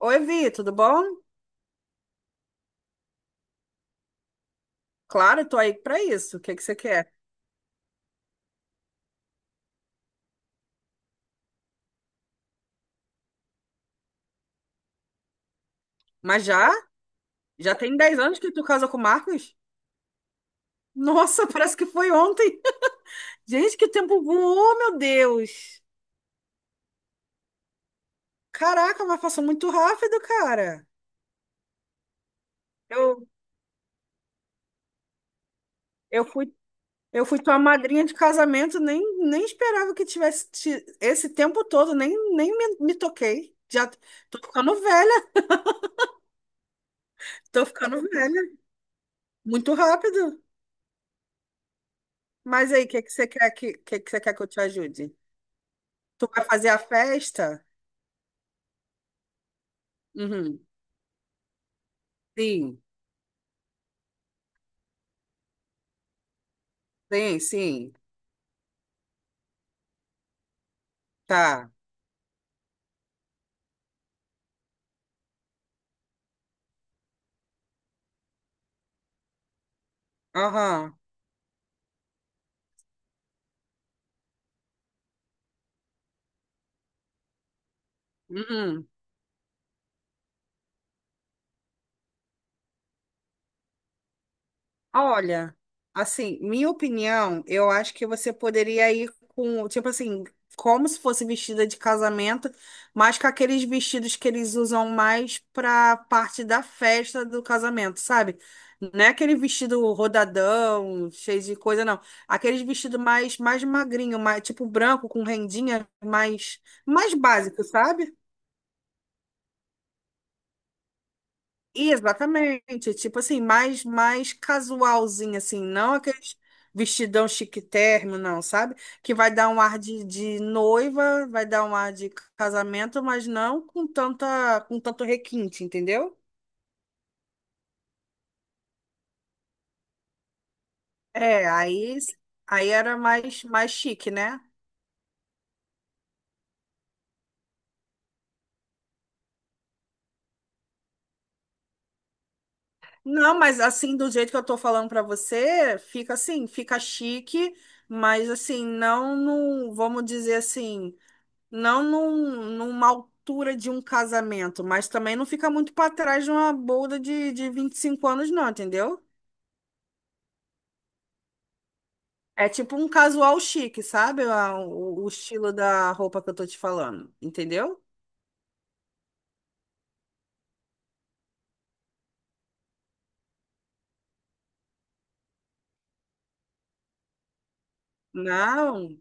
Oi, Vi, tudo bom? Claro, tô aí pra isso. O que que você quer? Mas já? Já tem 10 anos que tu casa com o Marcos? Nossa, parece que foi ontem. Gente, que o tempo voou, meu Deus. Caraca, mas passou muito rápido, cara. Eu, eu fui, eu fui tua madrinha de casamento, nem esperava que tivesse esse tempo todo, nem me toquei. Tô ficando velha, tô ficando velha. Muito rápido. Mas aí, o que que você quer que você quer que eu te ajude? Tu vai fazer a festa? Uhum. Sim, sim, sim. Tá. Aham. Uhum. Olha, assim, minha opinião, eu acho que você poderia ir com, tipo assim, como se fosse vestida de casamento, mas com aqueles vestidos que eles usam mais pra parte da festa do casamento, sabe? Não é aquele vestido rodadão, cheio de coisa, não. Aqueles vestido mais magrinho, mais, tipo branco, com rendinha, mais, mais básico, sabe? Exatamente, tipo assim, mais mais casualzinho assim, não aqueles vestidão chique térrimo, não, sabe? Que vai dar um ar de noiva, vai dar um ar de casamento, mas não com tanta com tanto requinte, entendeu? É, aí era mais mais chique, né? Não, mas assim, do jeito que eu tô falando pra você, fica assim, fica chique, mas assim, vamos dizer assim, Não numa altura de um casamento, mas também não fica muito para trás de uma bolda de 25 anos, não, entendeu? É tipo um casual chique, sabe? O estilo da roupa que eu tô te falando, entendeu? Não.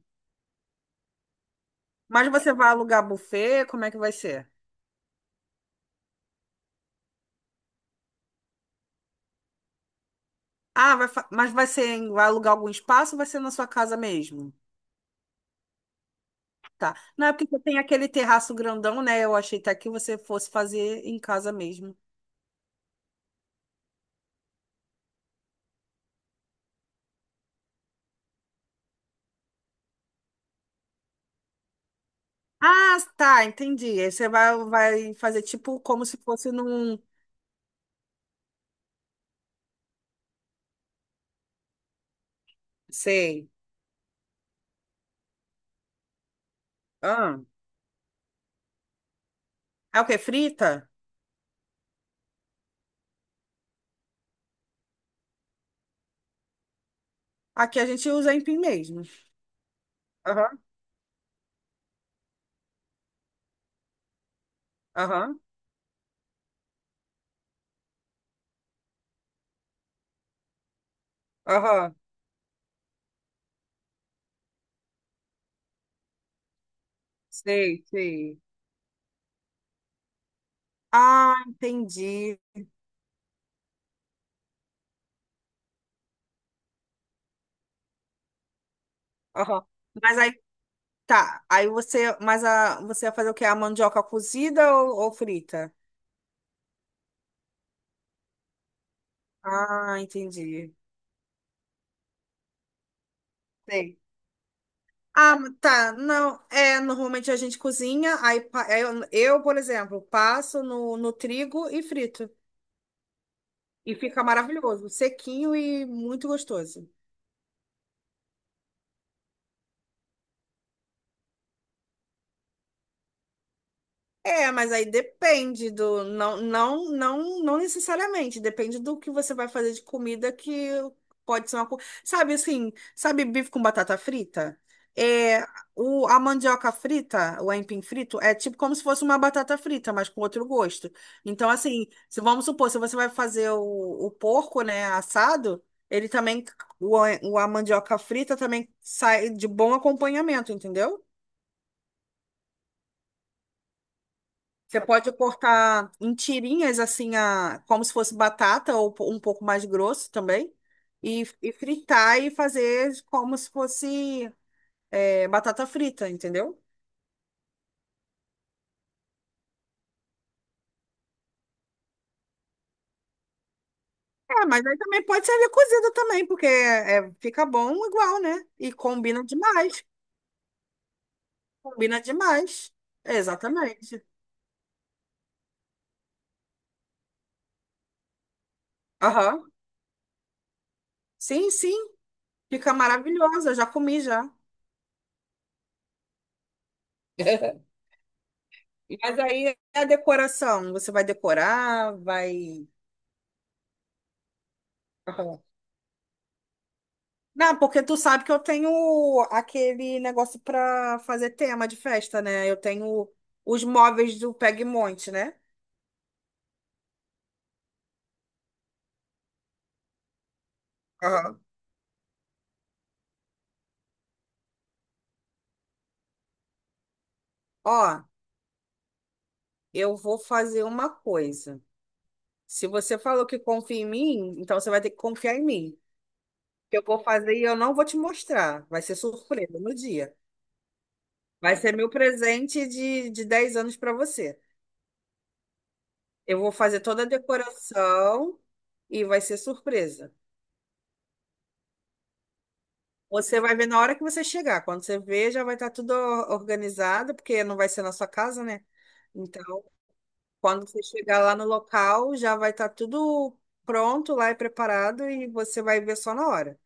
Mas você vai alugar buffet? Como é que vai ser? Ah, mas vai ser, vai alugar algum espaço ou vai ser na sua casa mesmo? Tá. Não é porque você tem aquele terraço grandão, né? Eu achei até que você fosse fazer em casa mesmo. Ah, tá, entendi. Aí você vai, vai fazer tipo como se fosse num. Sei. Ah, é o que? Frita? Aqui a gente usa empim mesmo. Aham, aham, aham. Sei, sei. Ah, entendi. Aham. Mas aí tá. Aí você. Mas a, você vai fazer o quê? A mandioca cozida ou frita? Ah, entendi. Sei. Ah, tá. Não, é, normalmente a gente cozinha, é, eu, por exemplo, passo no, no trigo e frito. E fica maravilhoso, sequinho e muito gostoso. É, mas aí depende do. Não, não, não, não necessariamente. Depende do que você vai fazer de comida que pode ser uma. Co- Sabe assim, sabe bife com batata frita? É, a mandioca frita, o aipim frito, é tipo como se fosse uma batata frita, mas com outro gosto. Então, assim, se vamos supor, se você vai fazer o porco, né, assado, ele também. A mandioca frita também sai de bom acompanhamento, entendeu? Você pode cortar em tirinhas, assim, a, como se fosse batata ou um pouco mais grosso também, e fritar e fazer como se fosse é, batata frita, entendeu? É, mas aí também pode servir cozida também, porque é, fica bom igual, né? E combina demais, combina demais. Exatamente. Aham. Sim, sim, fica maravilhosa, eu já comi já. Mas aí é a decoração, você vai decorar, vai... Aham. Não, porque tu sabe que eu tenho aquele negócio pra fazer tema de festa, né? Eu tenho os móveis do Pegmonte, né? Aham. Ó, eu vou fazer uma coisa. Se você falou que confia em mim, então você vai ter que confiar em mim. Que eu vou fazer e eu não vou te mostrar. Vai ser surpresa no dia. Vai ser meu presente de 10 anos para você. Eu vou fazer toda a decoração e vai ser surpresa. Você vai ver na hora que você chegar. Quando você ver, já vai estar tudo organizado, porque não vai ser na sua casa, né? Então, quando você chegar lá no local, já vai estar tudo pronto lá e preparado e você vai ver só na hora.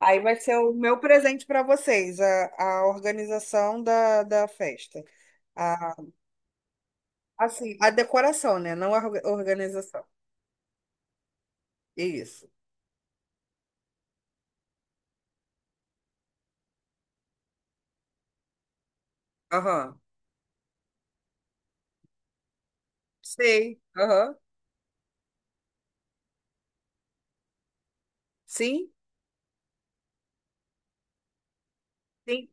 Aí vai ser o meu presente para vocês, a organização da, da festa. A, assim, a decoração, né? Não a organização. Isso. Aham. Sei. Aham. Sim, sim.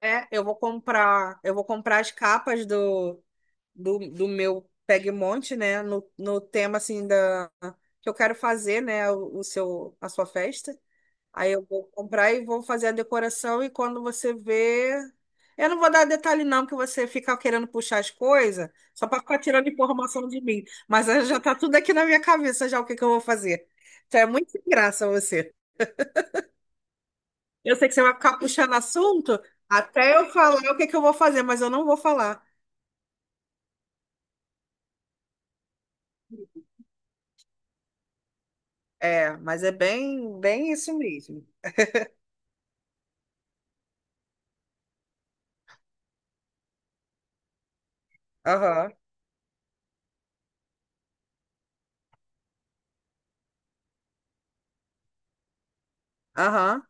É, eu vou comprar as capas do meu Pegmonte, né? No tema assim da que eu quero fazer, né? O seu, a sua festa. Aí eu vou comprar e vou fazer a decoração e quando você vê, eu não vou dar detalhe não, porque você fica querendo puxar as coisas só para ficar tirando informação de mim. Mas aí já tá tudo aqui na minha cabeça já o que que eu vou fazer. Então é muito sem graça você. Eu sei que você vai ficar puxando assunto até eu falar o que que eu vou fazer, mas eu não vou falar. É, mas é bem, bem isso mesmo. Aham. Aham,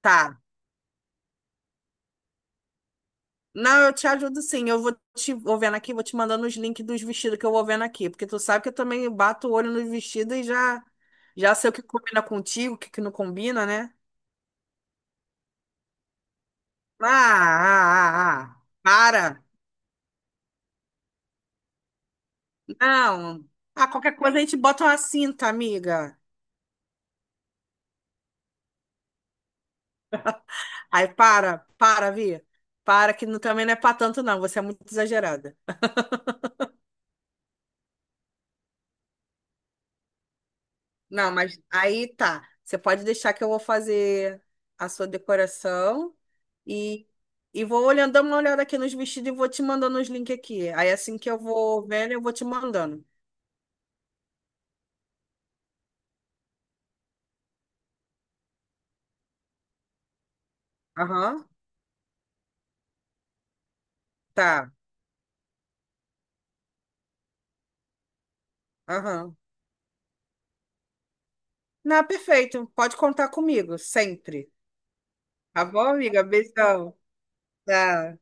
tá. Não, eu te ajudo sim. Eu vou te vou vendo aqui, vou te mandando os links dos vestidos que eu vou vendo aqui, porque tu sabe que eu também bato o olho nos vestidos e já sei o que combina contigo, o que que não combina, né? Ah, ah, ah, ah. Para. Não. Ah, qualquer coisa a gente bota uma cinta, amiga. Aí para, para, Vi. Para que não- também não é pra tanto não, você é muito exagerada. Não, mas aí tá. Você pode deixar que eu vou fazer a sua decoração e, e vou olhando, dando uma olhada aqui nos vestidos e vou te mandando os links aqui. Aí assim que eu vou vendo, eu vou te mandando. Aham, tá. Aham. Não, perfeito. Pode contar comigo, sempre. Tá bom, amiga? Beijão. Tá.